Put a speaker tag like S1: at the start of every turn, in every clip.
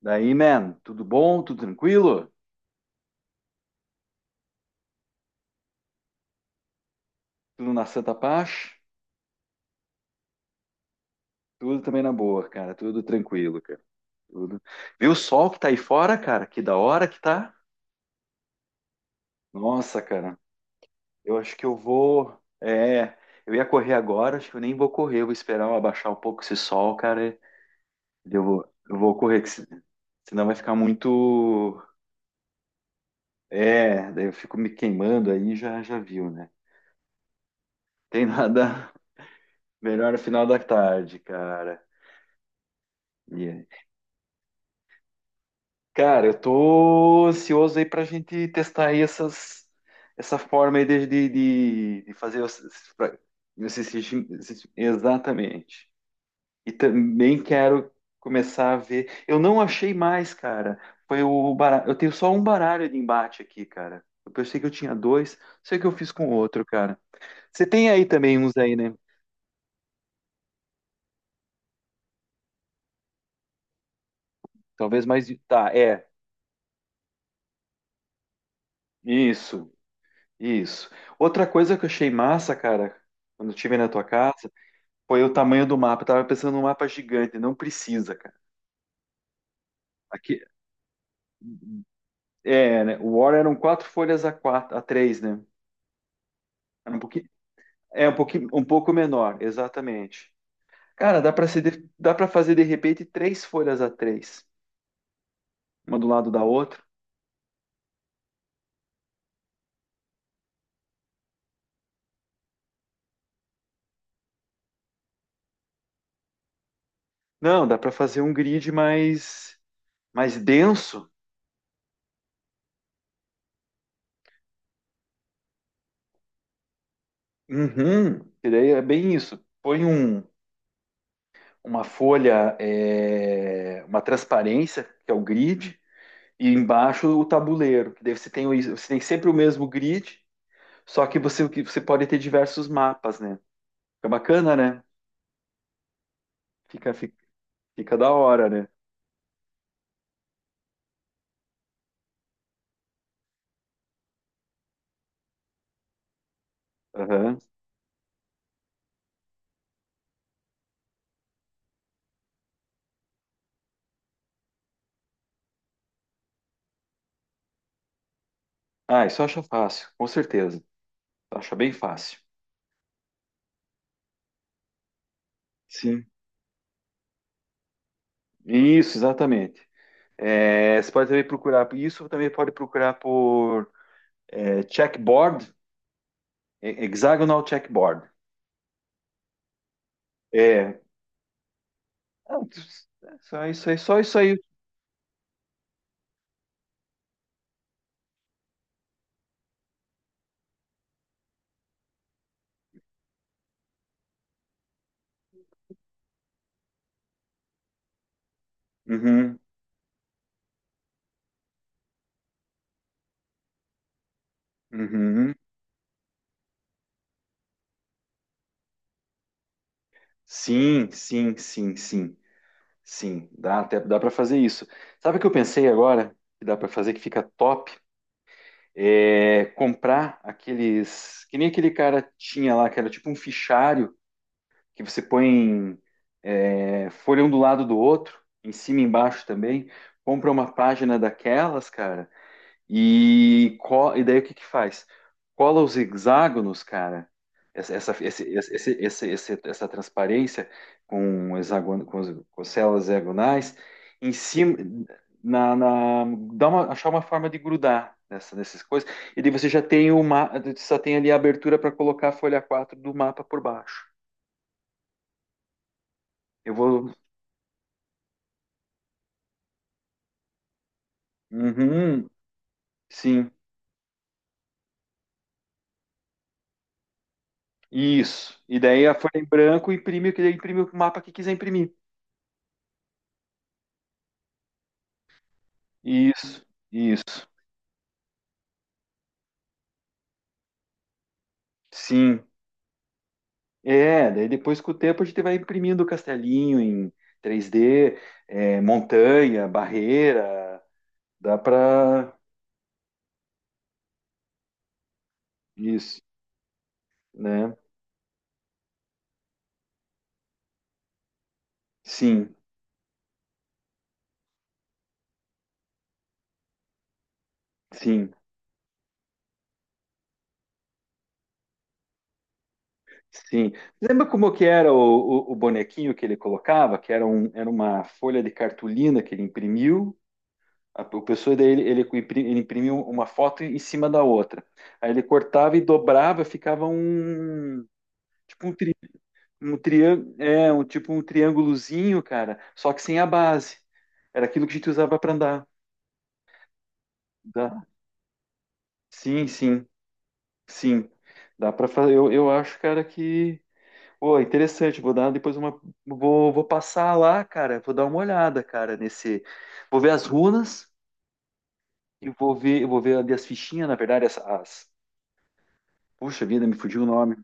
S1: Daí, man, tudo bom? Tudo tranquilo? Tudo na santa paz? Tudo também na boa, cara. Tudo tranquilo, cara. Tudo. Viu o sol que tá aí fora, cara? Que da hora que tá! Nossa, cara. Eu acho que eu vou. Eu ia correr agora, acho que eu nem vou correr. Eu vou esperar eu abaixar um pouco esse sol, cara. Eu vou correr, que senão vai ficar muito. É, daí eu fico me queimando aí, já, já viu, né? Tem nada melhor no final da tarde, cara. Cara, eu tô ansioso aí pra gente testar aí essa forma aí de fazer pra- esses- exatamente. E também quero começar a ver. Eu não achei mais, cara. Foi o baralho. Eu tenho só um baralho de embate aqui, cara. Eu pensei que eu tinha dois. Sei que eu fiz com outro, cara. Você tem aí também uns aí, né? Talvez mais. Tá, é. Isso, isso. Outra coisa que eu achei massa, cara, quando eu estive na tua casa. Foi o tamanho do mapa. Eu tava pensando num mapa gigante. Não precisa, cara. Aqui, é, né? O War eram quatro folhas a quatro, a três, né? Era um pouquinho, é um pouquinho, um pouco menor, exatamente. Cara, dá para se de- dá para fazer de repente três folhas a três, uma do lado da outra. Não, dá para fazer um grid mais denso. Uhum. E daí é bem isso. Põe uma folha, uma transparência, que é o grid. E embaixo o tabuleiro, que daí você tem sempre o mesmo grid, só que você pode ter diversos mapas, né? Fica bacana, né? Fica, fica, fica da hora, né? Aham. Ah, isso acha fácil, com certeza. Acha bem fácil. Sim. Isso, exatamente. É, você pode também procurar por isso, também pode procurar por checkboard, hexagonal checkboard. É, ah, só isso aí, só isso aí. Uhum, uhum. Sim, sim, sim, sim. Sim, dá. Até dá para fazer isso. Sabe o que eu pensei agora que dá para fazer que fica top? É comprar aqueles que nem aquele cara tinha lá, que era tipo um fichário que você põe folha um do lado do outro, em cima e embaixo também. Compra uma página daquelas, cara, e daí o que que faz? Cola os hexágonos, cara, essa, esse- esse- esse- esse- esse- essa transparência com células hexagonais em cima, na, na- achar uma forma de grudar nessas coisas, e daí você já tem uma, só tem ali a abertura para colocar a folha 4 do mapa por baixo. Eu vou. Uhum, sim, isso. E daí a folha em branco imprime, imprime o mapa que quiser imprimir. Isso, isso. Sim, daí depois com o tempo a gente vai imprimindo o castelinho em 3D, montanha, barreira, dá pra isso, né? Sim, sim, sim. Lembra como que era o bonequinho que ele colocava, era uma folha de cartolina que ele imprimiu, o pessoa daí ele imprimiu uma foto em cima da outra, aí ele cortava e dobrava, ficava um, tipo um um triângulo, é, um tipo um triângulozinho, cara, só que sem a base. Era aquilo que a gente usava para andar. Dá. Sim, sim, sim. Dá para fazer. Eu acho, cara, que. Pô, é interessante. Vou dar depois uma. Vou passar lá, cara. Vou dar uma olhada, cara, nesse. Vou ver as runas e eu vou ver ali as fichinhas, na verdade, Puxa vida, me fugiu o nome.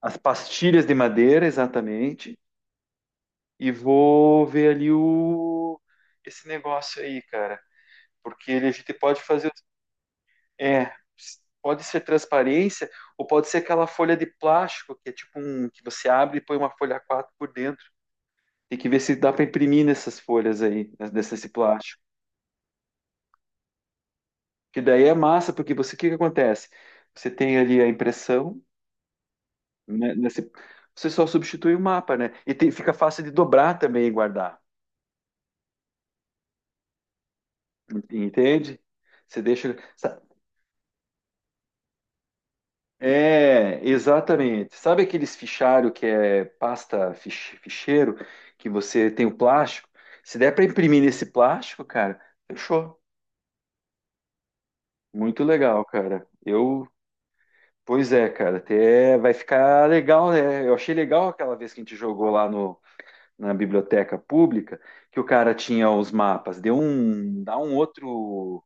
S1: As pastilhas de madeira, exatamente. E vou ver ali o. Esse negócio aí, cara. Porque a gente pode fazer, é, pode ser transparência ou pode ser aquela folha de plástico que é tipo um que você abre e põe uma folha A 4 por dentro. Tem que ver se dá para imprimir nessas folhas aí, nesse plástico. Que daí é massa, porque você o que que acontece? Você tem ali a impressão, né, você só substitui o mapa, né? Fica fácil de dobrar também e guardar. Entende? Você deixa. É, exatamente. Sabe aqueles fichário que é pasta ficheiro, que você tem o plástico? Se der para imprimir nesse plástico, cara, fechou. Muito legal, cara. Pois é, cara, até vai ficar legal, né? Eu achei legal aquela vez que a gente jogou lá no, na biblioteca pública, que o cara tinha os mapas. Deu um,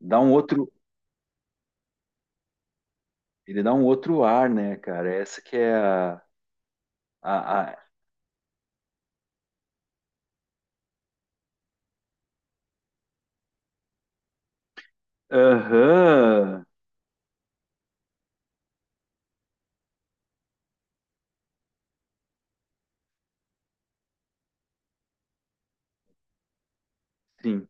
S1: dá um outro, ele dá um outro ar, né, cara? Essa que é a. Aham. Sim.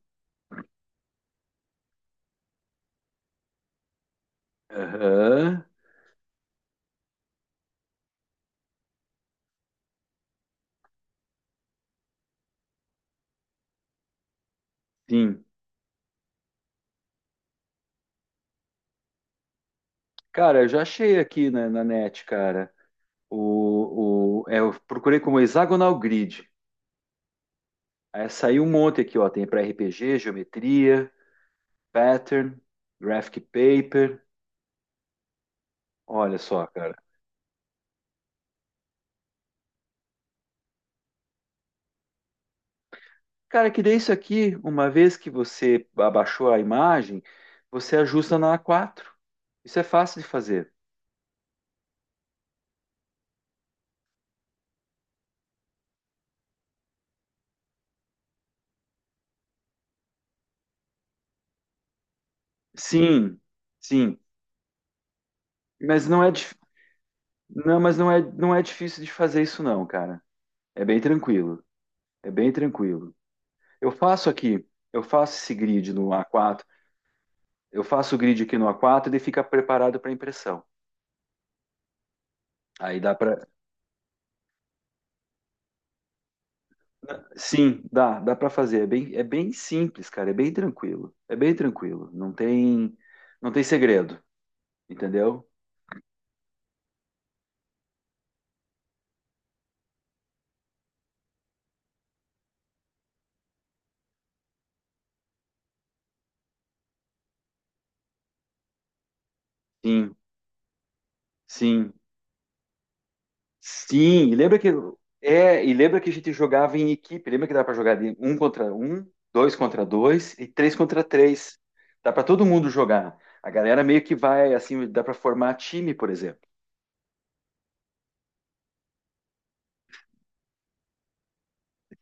S1: Aham, sim. Cara, eu já achei aqui na net, cara. Eu procurei como hexagonal grid. Aí saiu um monte aqui, ó. Tem para RPG, geometria, pattern, graphic paper. Olha só, cara. Cara, que daí isso aqui, uma vez que você abaixou a imagem, você ajusta na A4. Isso é fácil de fazer. Sim, sim. Mas não é, não, mas não é difícil de fazer isso, não, cara. É bem tranquilo. É bem tranquilo. Eu faço aqui, eu faço esse grid no A4. Eu faço o grid aqui no A4 e ele fica preparado para impressão. Aí dá para, sim, dá para fazer. É bem simples, cara, é bem tranquilo, é bem tranquilo. Não tem segredo, entendeu? Sim, sim, sim. E lembra que a gente jogava em equipe. Lembra que dá para jogar de um contra um, dois contra dois e três contra três. Dá para todo mundo jogar. A galera meio que vai assim, dá para formar time, por exemplo.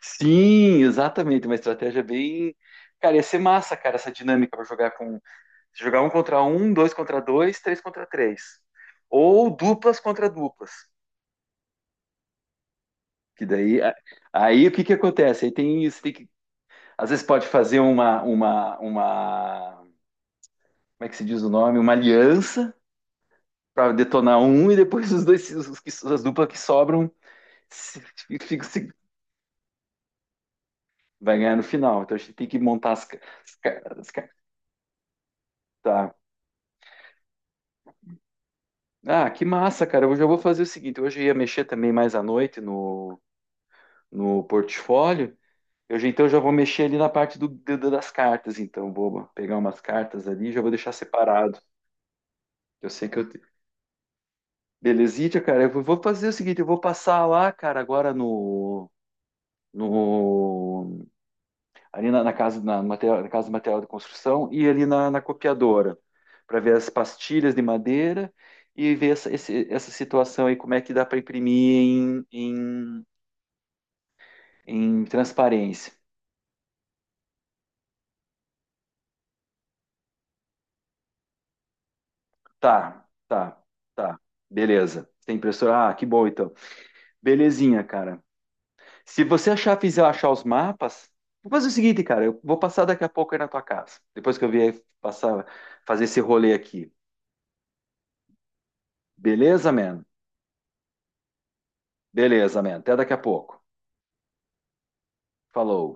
S1: Sim, exatamente, uma estratégia bem. Cara, ia ser massa, cara, essa dinâmica para jogar com. Jogar um contra um, dois contra dois, três contra três. Ou duplas contra duplas. Que daí. Aí o que que acontece? Aí tem isso, tem que. Às vezes pode fazer uma, uma. Como é que se diz o nome? Uma aliança para detonar um e depois os dois, as duplas que sobram se, se- se- vai ganhar no final. Então a gente tem que montar as, ca- as, ca- tá. Ah, que massa, cara. Eu já vou fazer o seguinte: hoje eu ia mexer também mais à noite no portfólio. Então já vou mexer ali na parte das cartas, então. Vou pegar umas cartas ali e já vou deixar separado. Eu sei que eu. Belezitia, cara. Eu vou fazer o seguinte: eu vou passar lá, cara, agora no. no ali na casa de material de construção e ali na copiadora, para ver as pastilhas de madeira e ver essa situação aí, como é que dá para imprimir em, em transparência. Tá, tá, tá. Beleza. Tem impressora? Ah, que bom então. Belezinha, cara. Se você achar, fizer achar os mapas, vou fazer o seguinte, cara. Eu vou passar daqui a pouco aí na tua casa. Depois que eu vier passar, fazer esse rolê aqui. Beleza, man? Beleza, man. Até daqui a pouco. Falou.